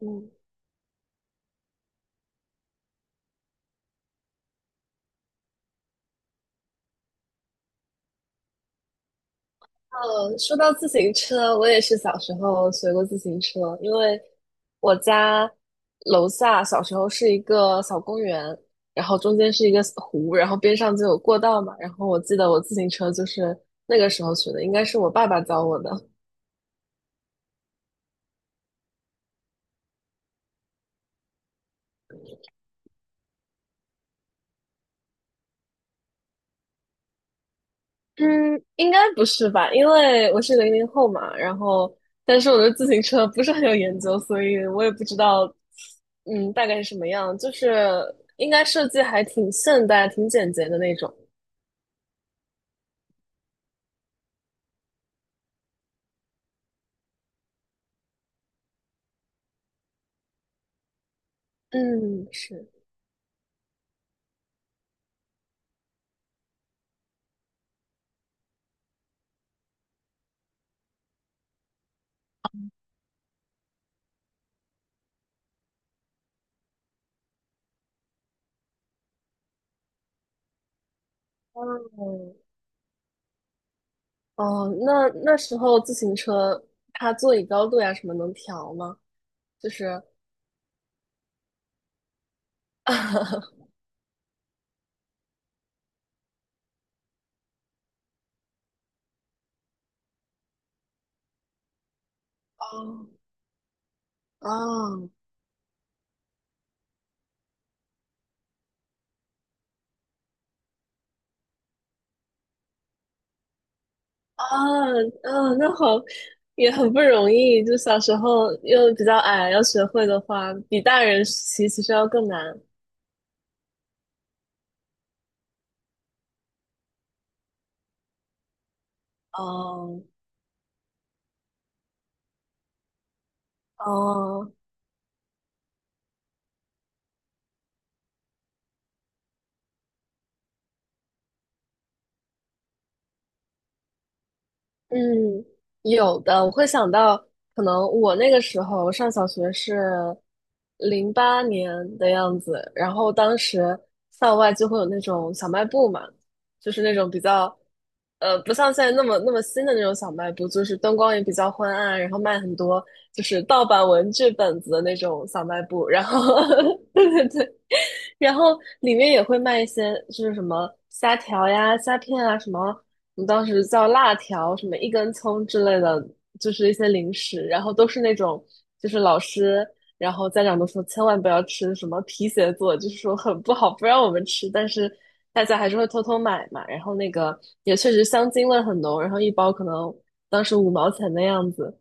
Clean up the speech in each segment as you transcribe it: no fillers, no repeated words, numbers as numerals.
嗯，说到自行车，我也是小时候学过自行车，因为我家楼下小时候是一个小公园，然后中间是一个湖，然后边上就有过道嘛。然后我记得我自行车就是那个时候学的，应该是我爸爸教我的。嗯，应该不是吧？因为我是00后嘛，然后但是我对自行车不是很有研究，所以我也不知道，嗯，大概是什么样。就是应该设计还挺现代、挺简洁的那种。嗯，是。哦，哦，那时候自行车它座椅高度呀什么能调吗？就是，哦哦，啊，嗯，那好，也很不容易。就小时候又比较矮，要学会的话，比大人骑期其实要更难。哦，哦，嗯，有的，我会想到，可能我那个时候上小学是2008年的样子，然后当时校外就会有那种小卖部嘛，就是那种比较，不像现在那么新的那种小卖部，就是灯光也比较昏暗，然后卖很多就是盗版文具本子的那种小卖部，然后 对，然后里面也会卖一些，就是什么虾条呀、虾片啊，什么我们当时叫辣条，什么一根葱之类的，就是一些零食。然后都是那种，就是老师，然后家长都说千万不要吃什么皮鞋做，就是说很不好，不让我们吃。但是大家还是会偷偷买嘛。然后那个也确实香精味很浓，然后一包可能当时五毛钱的样子。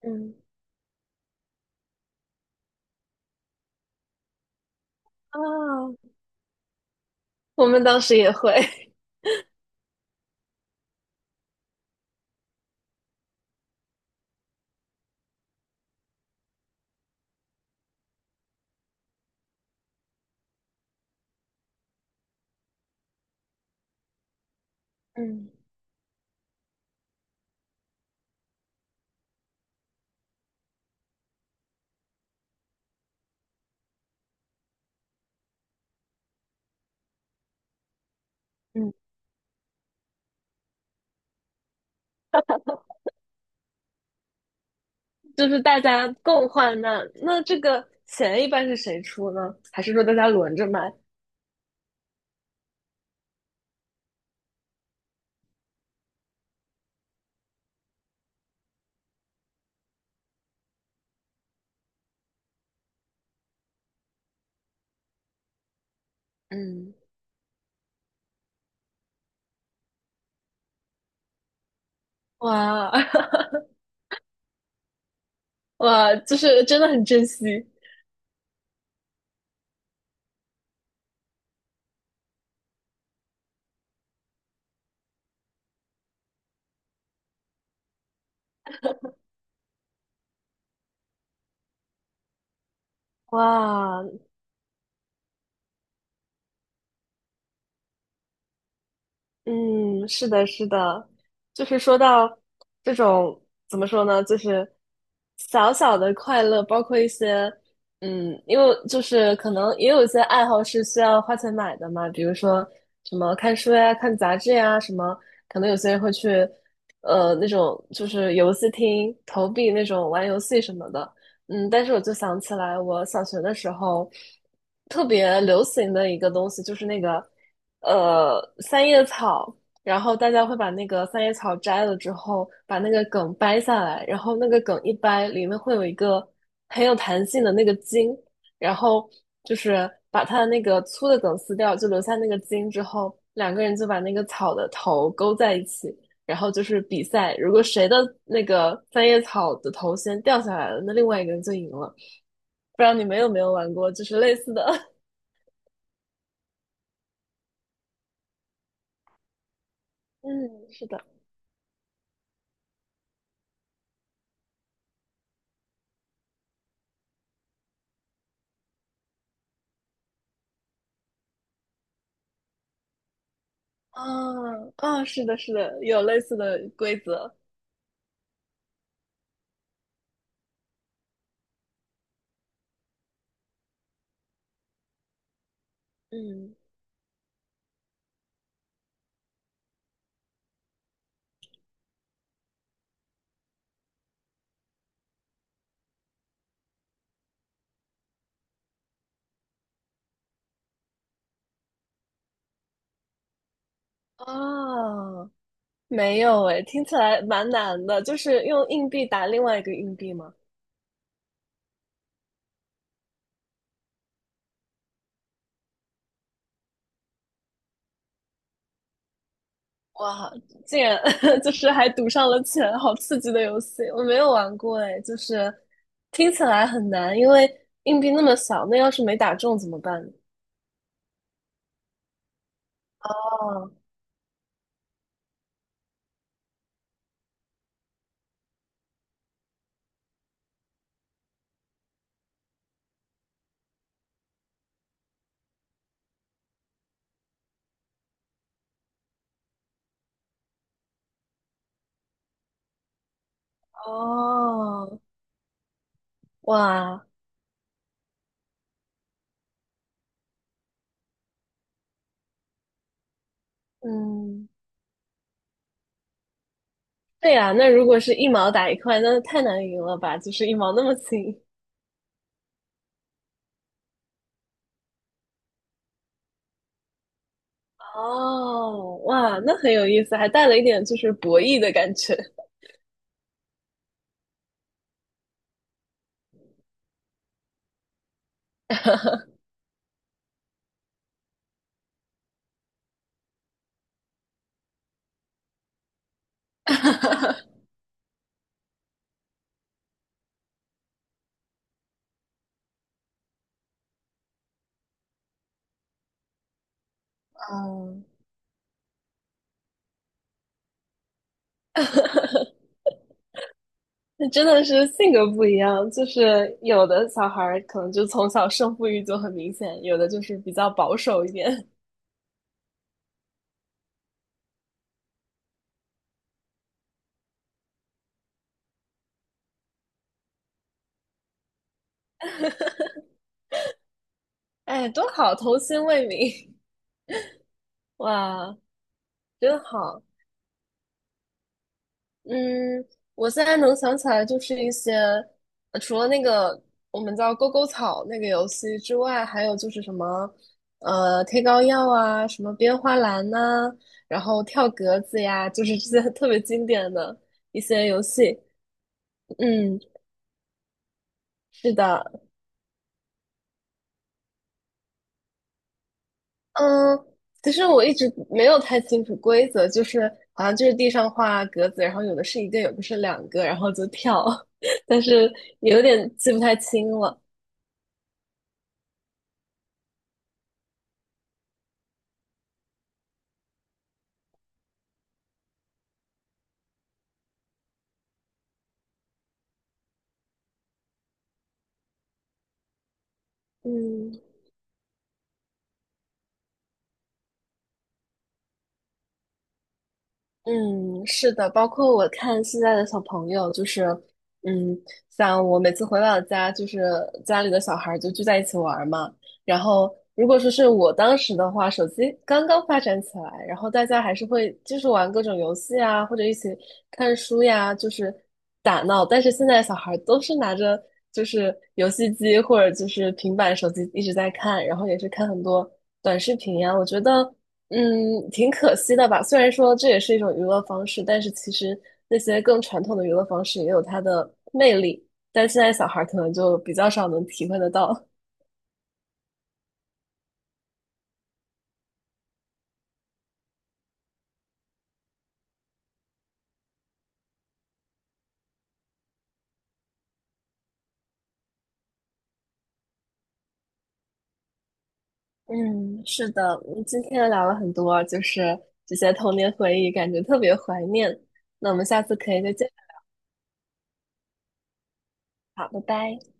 嗯，啊，我们当时也会。嗯嗯，就是大家共患难。那这个钱一般是谁出呢？还是说大家轮着买？嗯，哇 哇，就是真的很珍惜，哇！嗯，是的，是的，就是说到这种怎么说呢，就是小小的快乐，包括一些因为就是可能也有一些爱好是需要花钱买的嘛，比如说什么看书呀、看杂志呀，什么可能有些人会去那种就是游戏厅投币那种玩游戏什么的，嗯，但是我就想起来，我小学的时候特别流行的一个东西就是那个三叶草，然后大家会把那个三叶草摘了之后，把那个梗掰下来，然后那个梗一掰，里面会有一个很有弹性的那个筋，然后就是把它的那个粗的梗撕掉，就留下那个筋之后，两个人就把那个草的头勾在一起，然后就是比赛，如果谁的那个三叶草的头先掉下来了，那另外一个人就赢了。不知道你们有没有玩过，就是类似的。嗯，是的，啊，啊，是的，是的，有类似的规则。嗯，啊，没有诶，听起来蛮难的，就是用硬币打另外一个硬币吗？哇，竟然 就是还赌上了钱，好刺激的游戏！我没有玩过哎，就是听起来很难，因为硬币那么小，那要是没打中怎么办呢，哦哦，哇，嗯，对呀，那如果是一毛打一块，那太难赢了吧？就是一毛那么轻。哦，哇，那很有意思，还带了一点就是博弈的感觉。嗯。那真的是性格不一样，就是有的小孩儿可能就从小胜负欲就很明显，有的就是比较保守一点。哎，多好，童心未泯，哇，真好。嗯，我现在能想起来就是一些，除了那个我们叫勾勾草那个游戏之外，还有就是什么，贴膏药啊，什么编花篮呐、然后跳格子呀，就是这些特别经典的一些游戏。嗯，是的，嗯，其实我一直没有太清楚规则，就是好像就是地上画格子，然后有的是一个，有的是两个，然后就跳，但是有点记不太清了。嗯。嗯，是的，包括我看现在的小朋友，就是，嗯，像我每次回老家，就是家里的小孩儿就聚在一起玩儿嘛。然后，如果说是我当时的话，手机刚刚发展起来，然后大家还是会就是玩各种游戏啊，或者一起看书呀，就是打闹。但是现在小孩儿都是拿着就是游戏机或者就是平板、手机一直在看，然后也是看很多短视频呀。我觉得，嗯，挺可惜的吧。虽然说这也是一种娱乐方式，但是其实那些更传统的娱乐方式也有它的魅力，但现在小孩儿可能就比较少能体会得到。嗯，是的，嗯，今天聊了很多，就是这些童年回忆，感觉特别怀念。那我们下次可以再见，好，拜拜。